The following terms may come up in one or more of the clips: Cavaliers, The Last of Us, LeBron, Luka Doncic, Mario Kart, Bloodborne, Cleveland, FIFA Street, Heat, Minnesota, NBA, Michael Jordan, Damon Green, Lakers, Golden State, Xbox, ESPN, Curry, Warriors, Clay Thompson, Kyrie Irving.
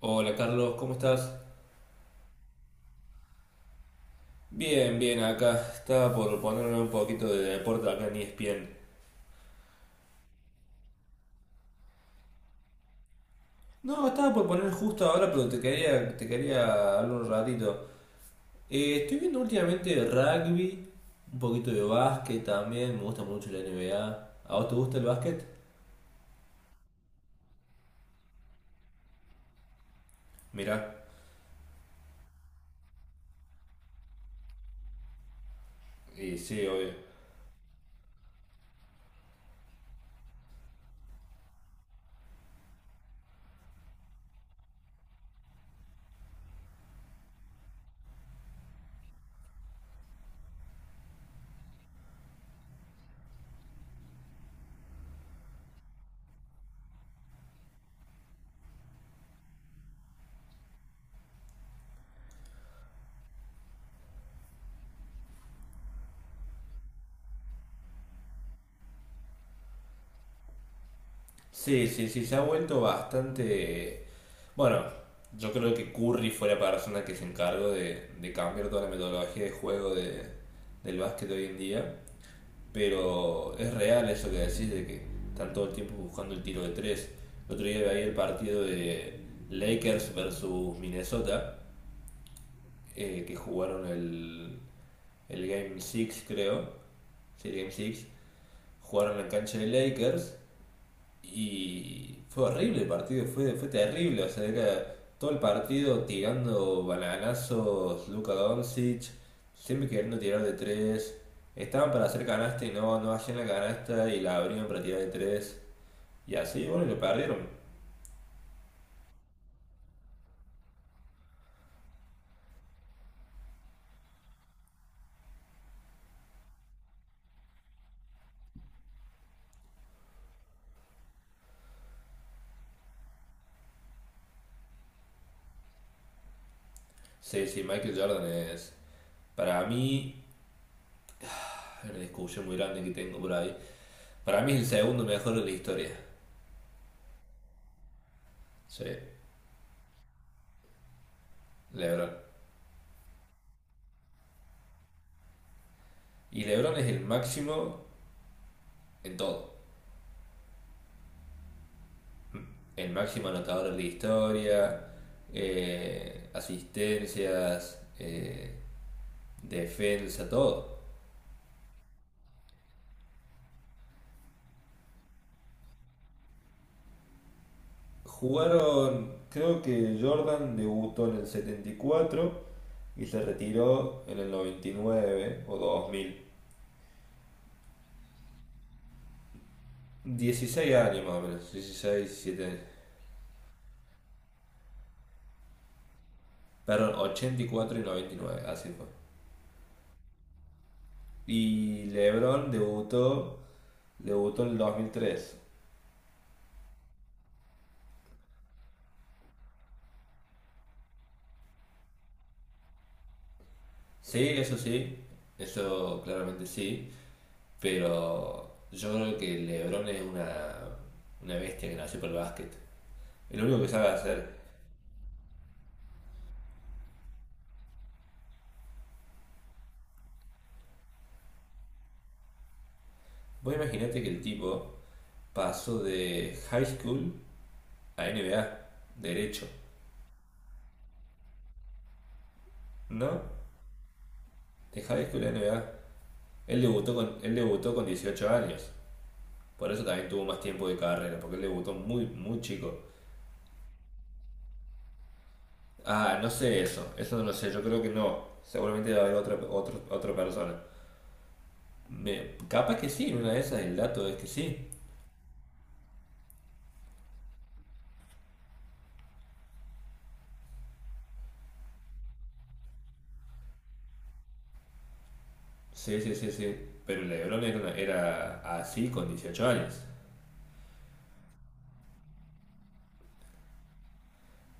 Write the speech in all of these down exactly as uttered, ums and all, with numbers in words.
Hola Carlos, ¿cómo estás? Bien, bien, acá. Estaba por ponerme un poquito de deporte acá en E S P N. No, estaba por poner justo ahora, pero te quería, te quería hablar un ratito. Eh, estoy viendo últimamente rugby, un poquito de básquet también, me gusta mucho la N B A. ¿A ¿A vos te gusta el básquet? Mirá. Y sí, obvio. Sí, sí, sí, se ha vuelto bastante. Bueno, yo creo que Curry fue la persona que se encargó de, de cambiar toda la metodología de juego de, del básquet hoy en día, pero es real eso que decís de que están todo el tiempo buscando el tiro de tres. El otro día veía el partido de Lakers versus Minnesota, eh, que jugaron el, el Game seis creo, sí, el Game seis, jugaron en la cancha de Lakers y fue horrible el partido, fue, fue terrible. O sea, era todo el partido tirando bananazos, Luka Doncic, siempre queriendo tirar de tres. Estaban para hacer canasta y no, no hacían la canasta y la abrían para tirar de tres. Y así, bueno, lo perdieron. Sí, sí, Michael Jordan es, para mí, una discusión muy grande que tengo por ahí. Para mí es el segundo mejor de la historia. Sí, LeBron. Y LeBron es el máximo en todo. El máximo anotador de la historia, eh, asistencias, eh, defensa, todo. Jugaron, creo que Jordan debutó en el setenta y cuatro y se retiró en el noventa y nueve o dos mil. Dieciséis años más o menos, dieciséis, diecisiete años. Perdón, ochenta y cuatro y cuatro y noventa y nueve así fue. Y LeBron debutó, debutó en el dos mil tres. Sí, eso sí, eso claramente sí. Pero yo creo que LeBron es una, una bestia que nació para el básquet. Es lo único que sabe hacer. Vos imaginate que el tipo pasó de high school a N B A, derecho, ¿no? De high school a N B A. Él debutó con, él debutó con dieciocho años. Por eso también tuvo más tiempo de carrera, porque él debutó muy, muy chico. Ah, no sé eso, eso no lo sé, yo creo que no. Seguramente va a haber otra, otra, otra persona. Me- capaz que sí, una de esas el dato es que sí. Sí, sí, sí, sí. Pero LeBron era, una- era así con dieciocho años.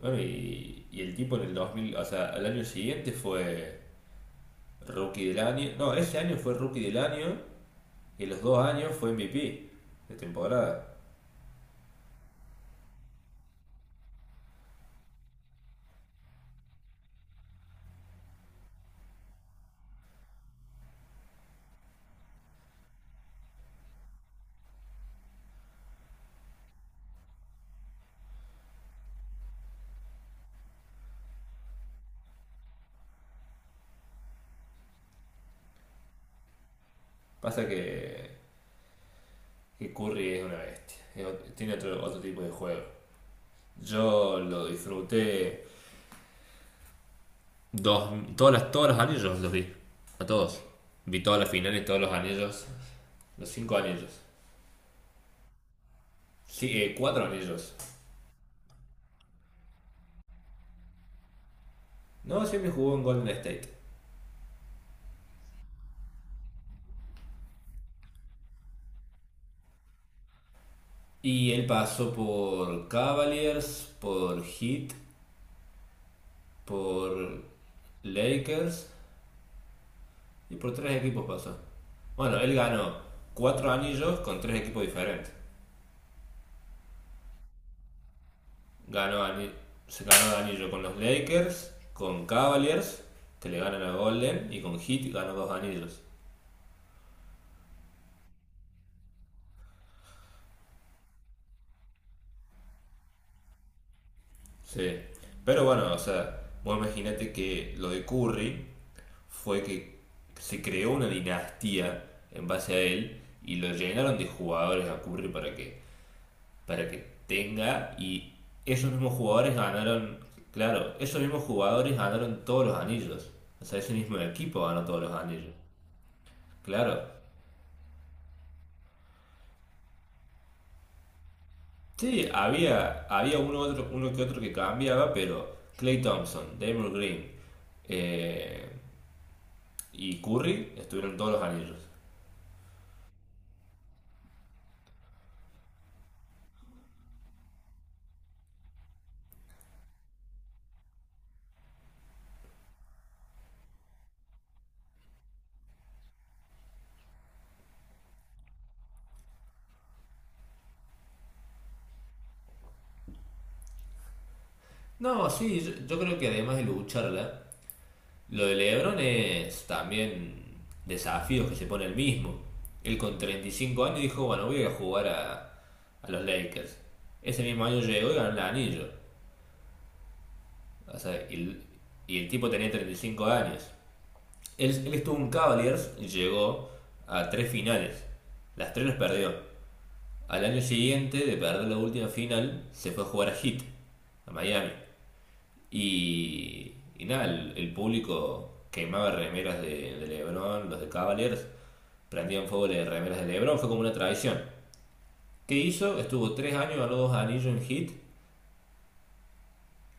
Bueno, y, y el tipo en el dos mil, o sea, al año siguiente fue rookie del año. No, ese año fue rookie del año y los dos años fue M V P de temporada. Pasa que, que Curry es una bestia. es ot- tiene otro, otro tipo de juego. Yo lo disfruté dos, todas las, todos los anillos los vi. A todos. Vi todas las finales, todos los anillos. Los cinco anillos. Sí, eh, cuatro anillos. No, siempre jugó en Golden State. Y él pasó por Cavaliers, por Heat, por Lakers y por tres equipos pasó. Bueno, él ganó cuatro anillos con tres equipos diferentes. Ganó ani- se ganó el anillo con los Lakers, con Cavaliers, que le ganan a Golden, y con Heat ganó dos anillos. Sí. Pero bueno, o sea, vos imaginate que lo de Curry fue que se creó una dinastía en base a él y lo llenaron de jugadores a Curry para que, para que tenga y esos mismos jugadores ganaron, claro, esos mismos jugadores ganaron todos los anillos. O sea, ese mismo equipo ganó todos los anillos. Claro. Sí, había, había uno, otro, uno que otro que cambiaba, pero Clay Thompson, Damon Green, eh, y Curry estuvieron todos los anillos. No, sí, yo, yo creo que además de lucharla, lo de LeBron es también desafíos que se pone el mismo. Él con treinta y cinco años dijo, bueno, voy a jugar a, a los Lakers. Ese mismo año llegó y ganó el anillo. O sea, y, el- y el tipo tenía treinta y cinco años. Él, él estuvo en Cavaliers y llegó a tres finales. Las tres las perdió. Al año siguiente de perder la última final, se fue a jugar a Heat, a Miami. Y, y nada, el, el público quemaba remeras de, de Lebron, los de Cavaliers, prendían fuego de remeras de Lebron, fue como una tradición. ¿Qué hizo? Estuvo tres años, ganó dos anillos en Heat.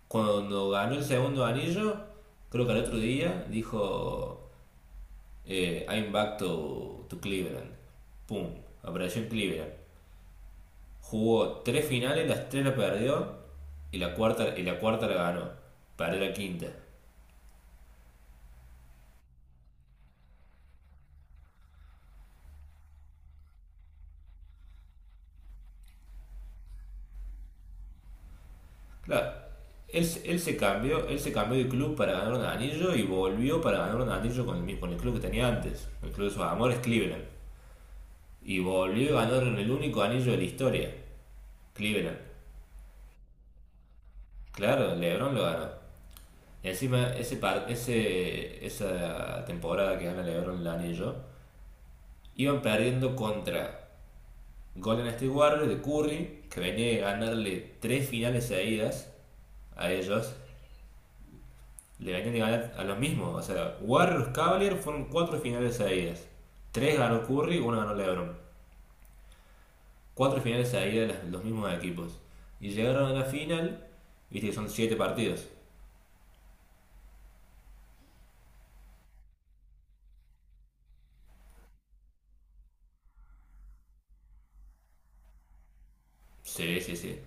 Cuando ganó el segundo anillo, creo que al otro día, dijo, eh, I'm back to, to Cleveland. Pum, apareció en Cleveland. Jugó tres finales, las tres la perdió y la cuarta, y la, cuarta la ganó. Perdió la quinta. Claro, él, se- él se cambió, él se cambió de club para ganar un anillo y volvió para ganar un anillo con el, mi- con el club que tenía antes, el club de sus amores, Cleveland. Y volvió y ganaron el único anillo de la historia, Cleveland. Claro, LeBron lo ganó. Y encima ese, par- ese esa temporada que gana LeBron el anillo, iban perdiendo contra Golden State Warriors de Curry, que venía de ganarle tres finales seguidas a ellos, le venían de ganar a los mismos. O sea, Warriors Cavaliers fueron cuatro finales seguidas. Tres ganó Curry, una ganó LeBron. Cuatro finales seguidas los mismos equipos. Y llegaron a la final, viste que son siete partidos. Sí, sí, sí.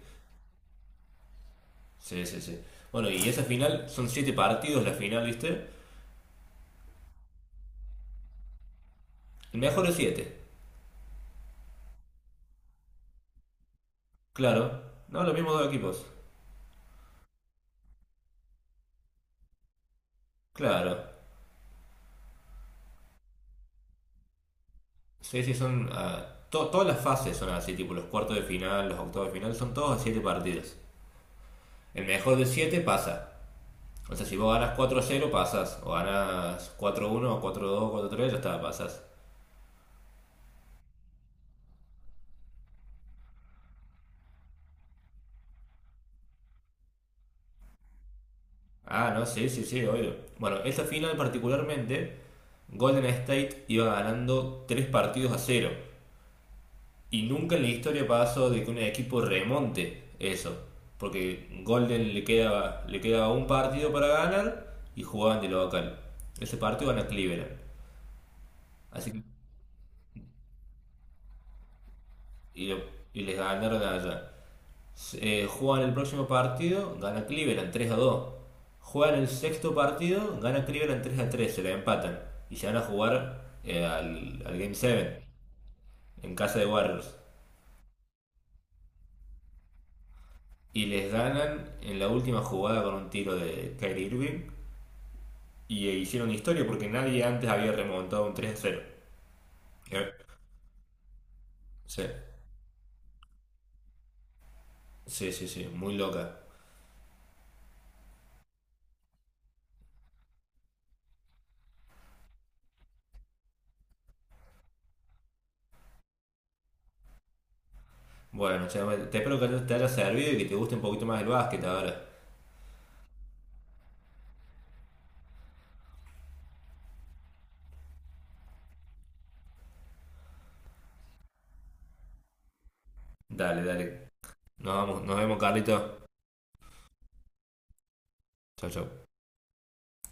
Sí, sí, sí. Bueno, y esa final son siete partidos la final, viste. El mejor es siete. Claro. No, los mismos dos equipos. Claro. Sí, sí, son, ah, to- todas las fases son así, tipo los cuartos de final, los octavos de final, son todos a siete partidos. El mejor de siete pasa. O sea, si vos ganas cuatro a cero, pasás. O ganas cuatro a uno, cuatro a dos, cuatro a tres, ya está, pasás. Ah, no, sí, sí, sí, obvio. Bueno, esa final particularmente, Golden State iba ganando tres partidos a cero. Y nunca en la historia pasó de que un equipo remonte eso. Porque Golden le quedaba, le quedaba un partido para ganar y jugaban de local. Ese partido gana Cleveland. Así que, y, lo- y les ganaron allá. Eh, juegan el próximo partido, gana Cleveland tres a dos. Juegan el sexto partido, gana Cleveland tres a tres, se la empatan. Y se van a jugar eh, al, al Game siete en casa de Warriors. Y les ganan en la última jugada con un tiro de Kyrie Irving. Y eh, hicieron historia porque nadie antes había remontado un tres a cero. Eh, Sí, sí, sí, sí, muy loca. Bueno, che, te espero que te haya servido y que te guste un poquito más el básquet ahora. Dale, dale. Nos vamos, nos vemos, Carlito. Chau, chau.